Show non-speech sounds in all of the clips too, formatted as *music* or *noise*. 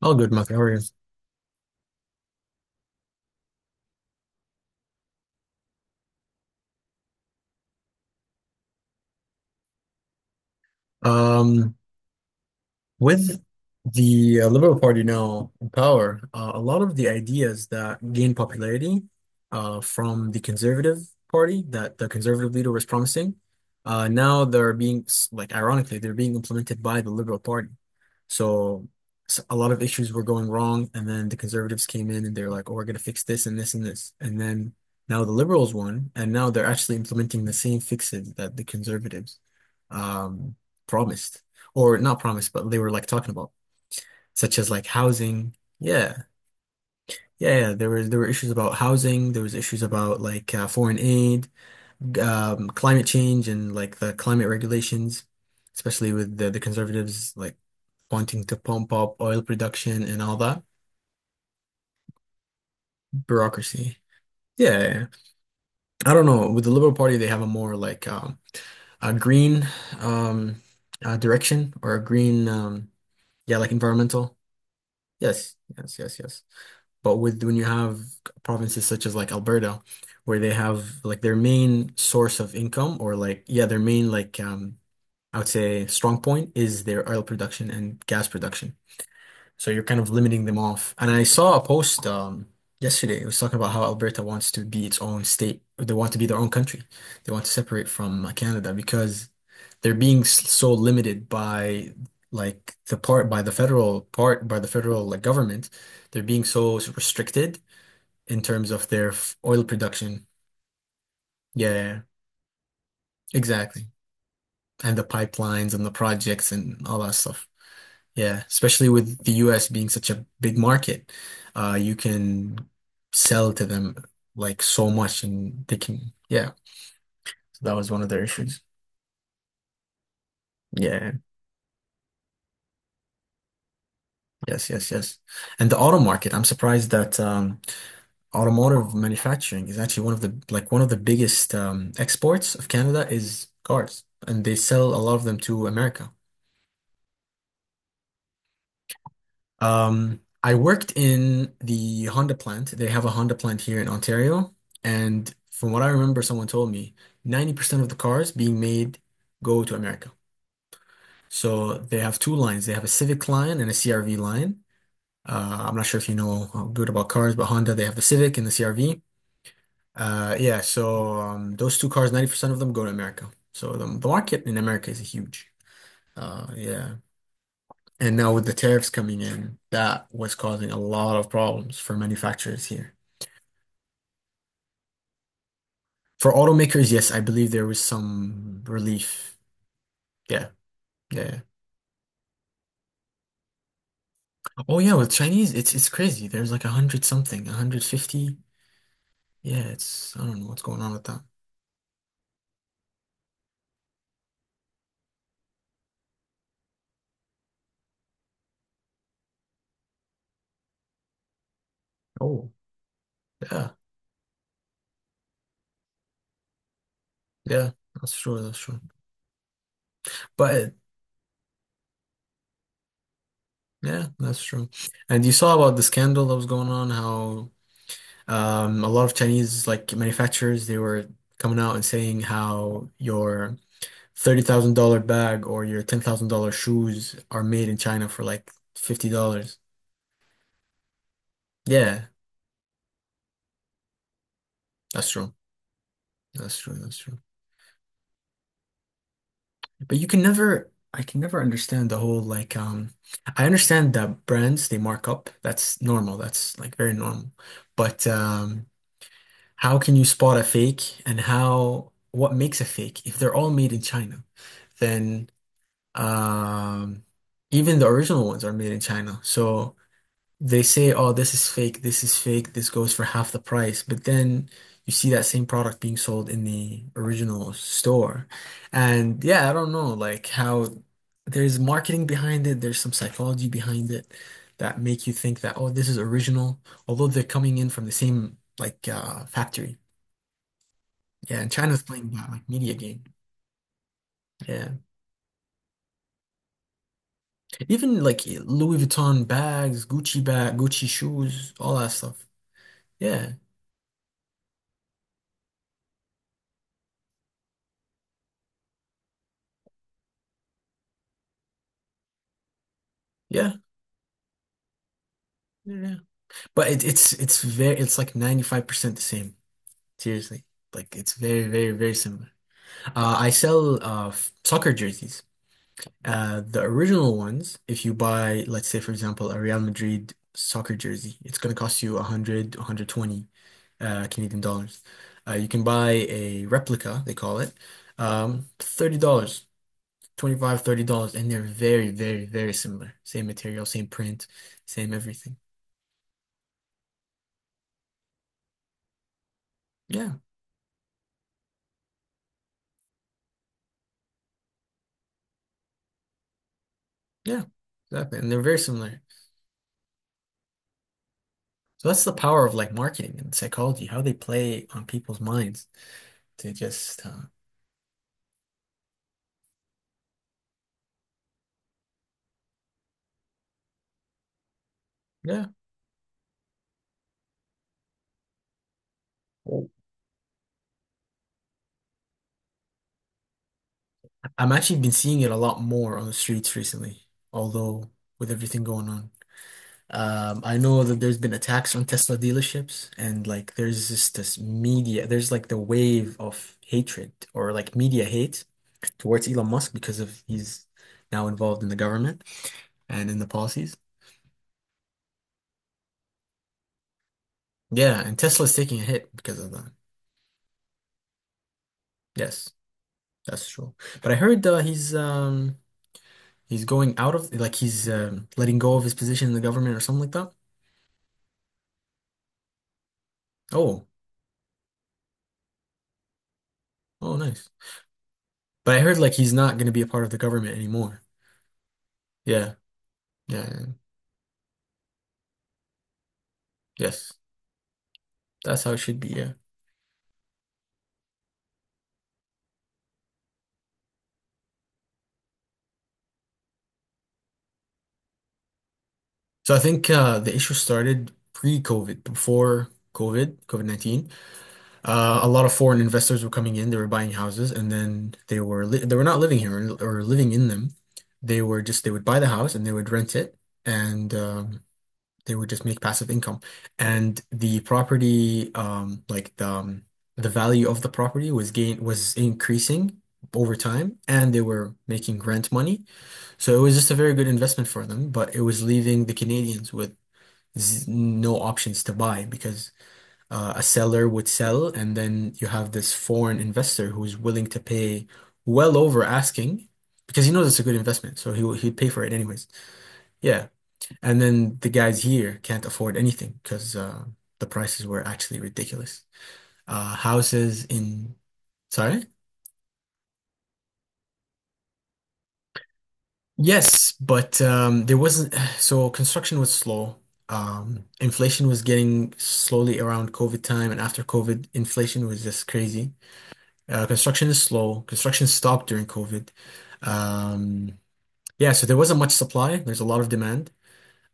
All good, Mark. How are you? Um, With the Liberal Party now in power, a lot of the ideas that gained popularity from the Conservative Party that the Conservative leader was promising, now they're being, like, ironically, they're being implemented by the Liberal Party. So, s a lot of issues were going wrong, and then the Conservatives came in and they're like, oh, we're going to fix this and this and this. And then now the Liberals won, and now they're actually implementing the same fixes that the Conservatives um, promised, or not promised, but they were like talking about, such as like housing. Yeah, yeah, yeah. There were issues about housing. There was issues about like foreign aid, climate change, and like the climate regulations, especially with the conservatives like wanting to pump up oil production and all that bureaucracy. Yeah, yeah, yeah. I don't know. With the Liberal Party, they have a more like a green um, direction, or a green, yeah, like environmental. Yes, yes, yes, yes. But with when you have provinces such as like Alberta, where they have like their main source of income, or like, yeah, their main like I would say strong point is their oil production and gas production. So you're kind of limiting them off. And I saw a post yesterday. It was talking about how Alberta wants to be its own state. They want to be their own country. They want to separate from Canada because they're being so limited by like the part by the federal part by the federal government. They're being so restricted in terms of their oil production. Yeah, exactly. And the pipelines and the projects and all that stuff. Yeah, especially with the US being such a big market, you can sell to them like so much, and they can, yeah. So that was one of their issues. Yeah, yes, yes, yes. And the auto market, I'm surprised that automotive manufacturing is actually one of the biggest exports of Canada is cars, and they sell a lot of them to America. I worked in the Honda plant. They have a Honda plant here in Ontario. And from what I remember, someone told me 90% of the cars being made go to America. So they have two lines. They have a Civic line and a CRV line. I'm not sure if you know how good about cars, but Honda, they have the Civic and the CRV. Yeah, so those two cars, 90% of them go to America. So the market in America is huge. Yeah. And now with the tariffs coming in, that was causing a lot of problems for manufacturers here. For automakers, yes, I believe there was some relief. Yeah, yeah, yeah. Oh, yeah, with Chinese, it's crazy. There's like a hundred something, 150. Yeah, it's I don't know what's going on with that. Oh, yeah, yeah. That's true. That's true. But yeah, that's true. And you saw about the scandal that was going on, how a lot of Chinese like manufacturers they were coming out and saying how your $30,000 bag or your $10,000 shoes are made in China for like $50. Yeah, that's true. That's true. That's true. But you can never, I can never understand the whole, like, I understand that brands they mark up. That's normal. That's like very normal. But, how can you spot a fake, and how, what makes a fake? If they're all made in China, then, um, even the original ones are made in China. So, they say, oh, this is fake, this is fake, this goes for half the price. But then you see that same product being sold in the original store. And yeah, I don't know, like how there's marketing behind it, there's some psychology behind it that make you think that, oh, this is original, although they're coming in from the same like factory. Yeah, and China's playing that like media game. Yeah. Even like Louis Vuitton bags, Gucci bag, Gucci shoes, all that stuff. Yeah. Yeah. Yeah. But it's very, it's like 95% the same. Seriously. Like it's very, very, very similar. I sell soccer jerseys. The original ones, if you buy, let's say, for example, a Real Madrid soccer jersey, it's gonna cost you 100, 120 Canadian dollars. You can buy a replica, they call it, $30, 25, $30, and they're very, very, very similar. Same material, same print, same everything. Yeah, yeah, exactly. And they're very similar. So that's the power of like marketing and psychology, how they play on people's minds to just, yeah. Well, I'm actually been seeing it a lot more on the streets recently, although with everything going on. I know that there's been attacks on Tesla dealerships, and like there's just this media, there's like the wave of hatred or like media hate towards Elon Musk because of he's now involved in the government and in the policies. Yeah, and Tesla's taking a hit because of that. Yes. That's true. But I heard he's going out of like, he's letting go of his position in the government or something like that. Oh, oh, nice. But I heard like he's not going to be a part of the government anymore. Yeah, yeah, yeah, yes. That's how it should be. Yeah. So I think, the issue started pre-COVID, before COVID, COVID-19. A lot of foreign investors were coming in. They were buying houses, and then they were not living here or living in them. They were just they would buy the house and they would rent it and. They would just make passive income. And the property, like the value of the property was increasing over time, and they were making rent money. So it was just a very good investment for them, but it was leaving the Canadians with z no options to buy, because a seller would sell, and then you have this foreign investor who's willing to pay well over asking, because he knows it's a good investment, so he'd pay for it anyways. Yeah. And then the guys here can't afford anything because the prices were actually ridiculous. Houses in, sorry? Yes, but there wasn't, *sighs* so construction was slow. Inflation was getting slowly around COVID time, and after COVID, inflation was just crazy. Construction is slow. Construction stopped during COVID. Um, yeah, so there wasn't much supply. There's a lot of demand.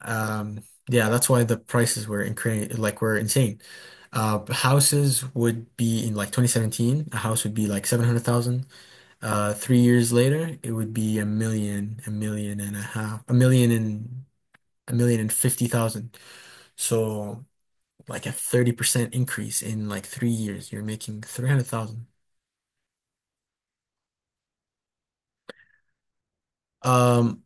Um, yeah, that's why the prices were incre like were insane. Houses would be in like 2017, a house would be like 700,000. 3 years later, it would be a million and a half, a million and fifty thousand. So like a 30% increase in like 3 years, you're making 300,000. Um,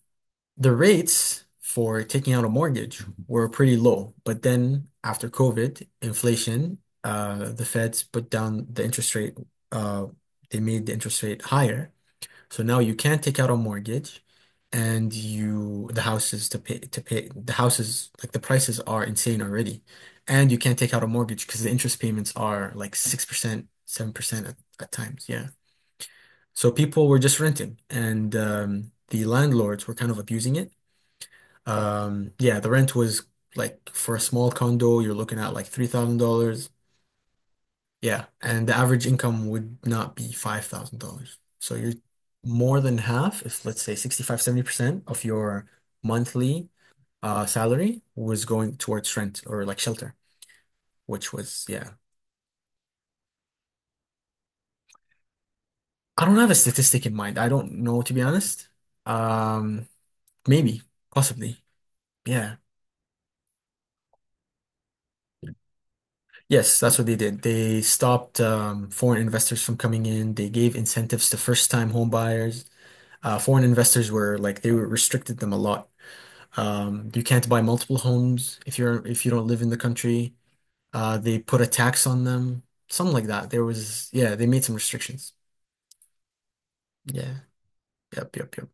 the rates for taking out a mortgage were pretty low, but then after COVID, inflation, the feds put down the interest rate, uh, they made the interest rate higher. So now you can't take out a mortgage, and you, the house is to pay the houses, like the prices are insane already. And you can't take out a mortgage because the interest payments are like 6%, 7% at times. Yeah. So people were just renting, and the landlords were kind of abusing it. Yeah, the rent was like for a small condo, you're looking at like $3,000. Yeah, and the average income would not be $5,000. So you're more than half, if let's say 65, 70% of your monthly salary was going towards rent or like shelter, which was, yeah. I don't have a statistic in mind. I don't know, to be honest. Um, Maybe, possibly. Yeah. Yes, that's what they did. They stopped foreign investors from coming in. They gave incentives to first-time home buyers. Foreign investors they were restricted them a lot. You can't buy multiple homes if you don't live in the country. They put a tax on them, something like that. There was, yeah, they made some restrictions. Yeah. Yep, yep, yep.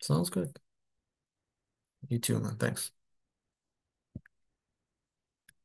Sounds good. You too, man. Thanks.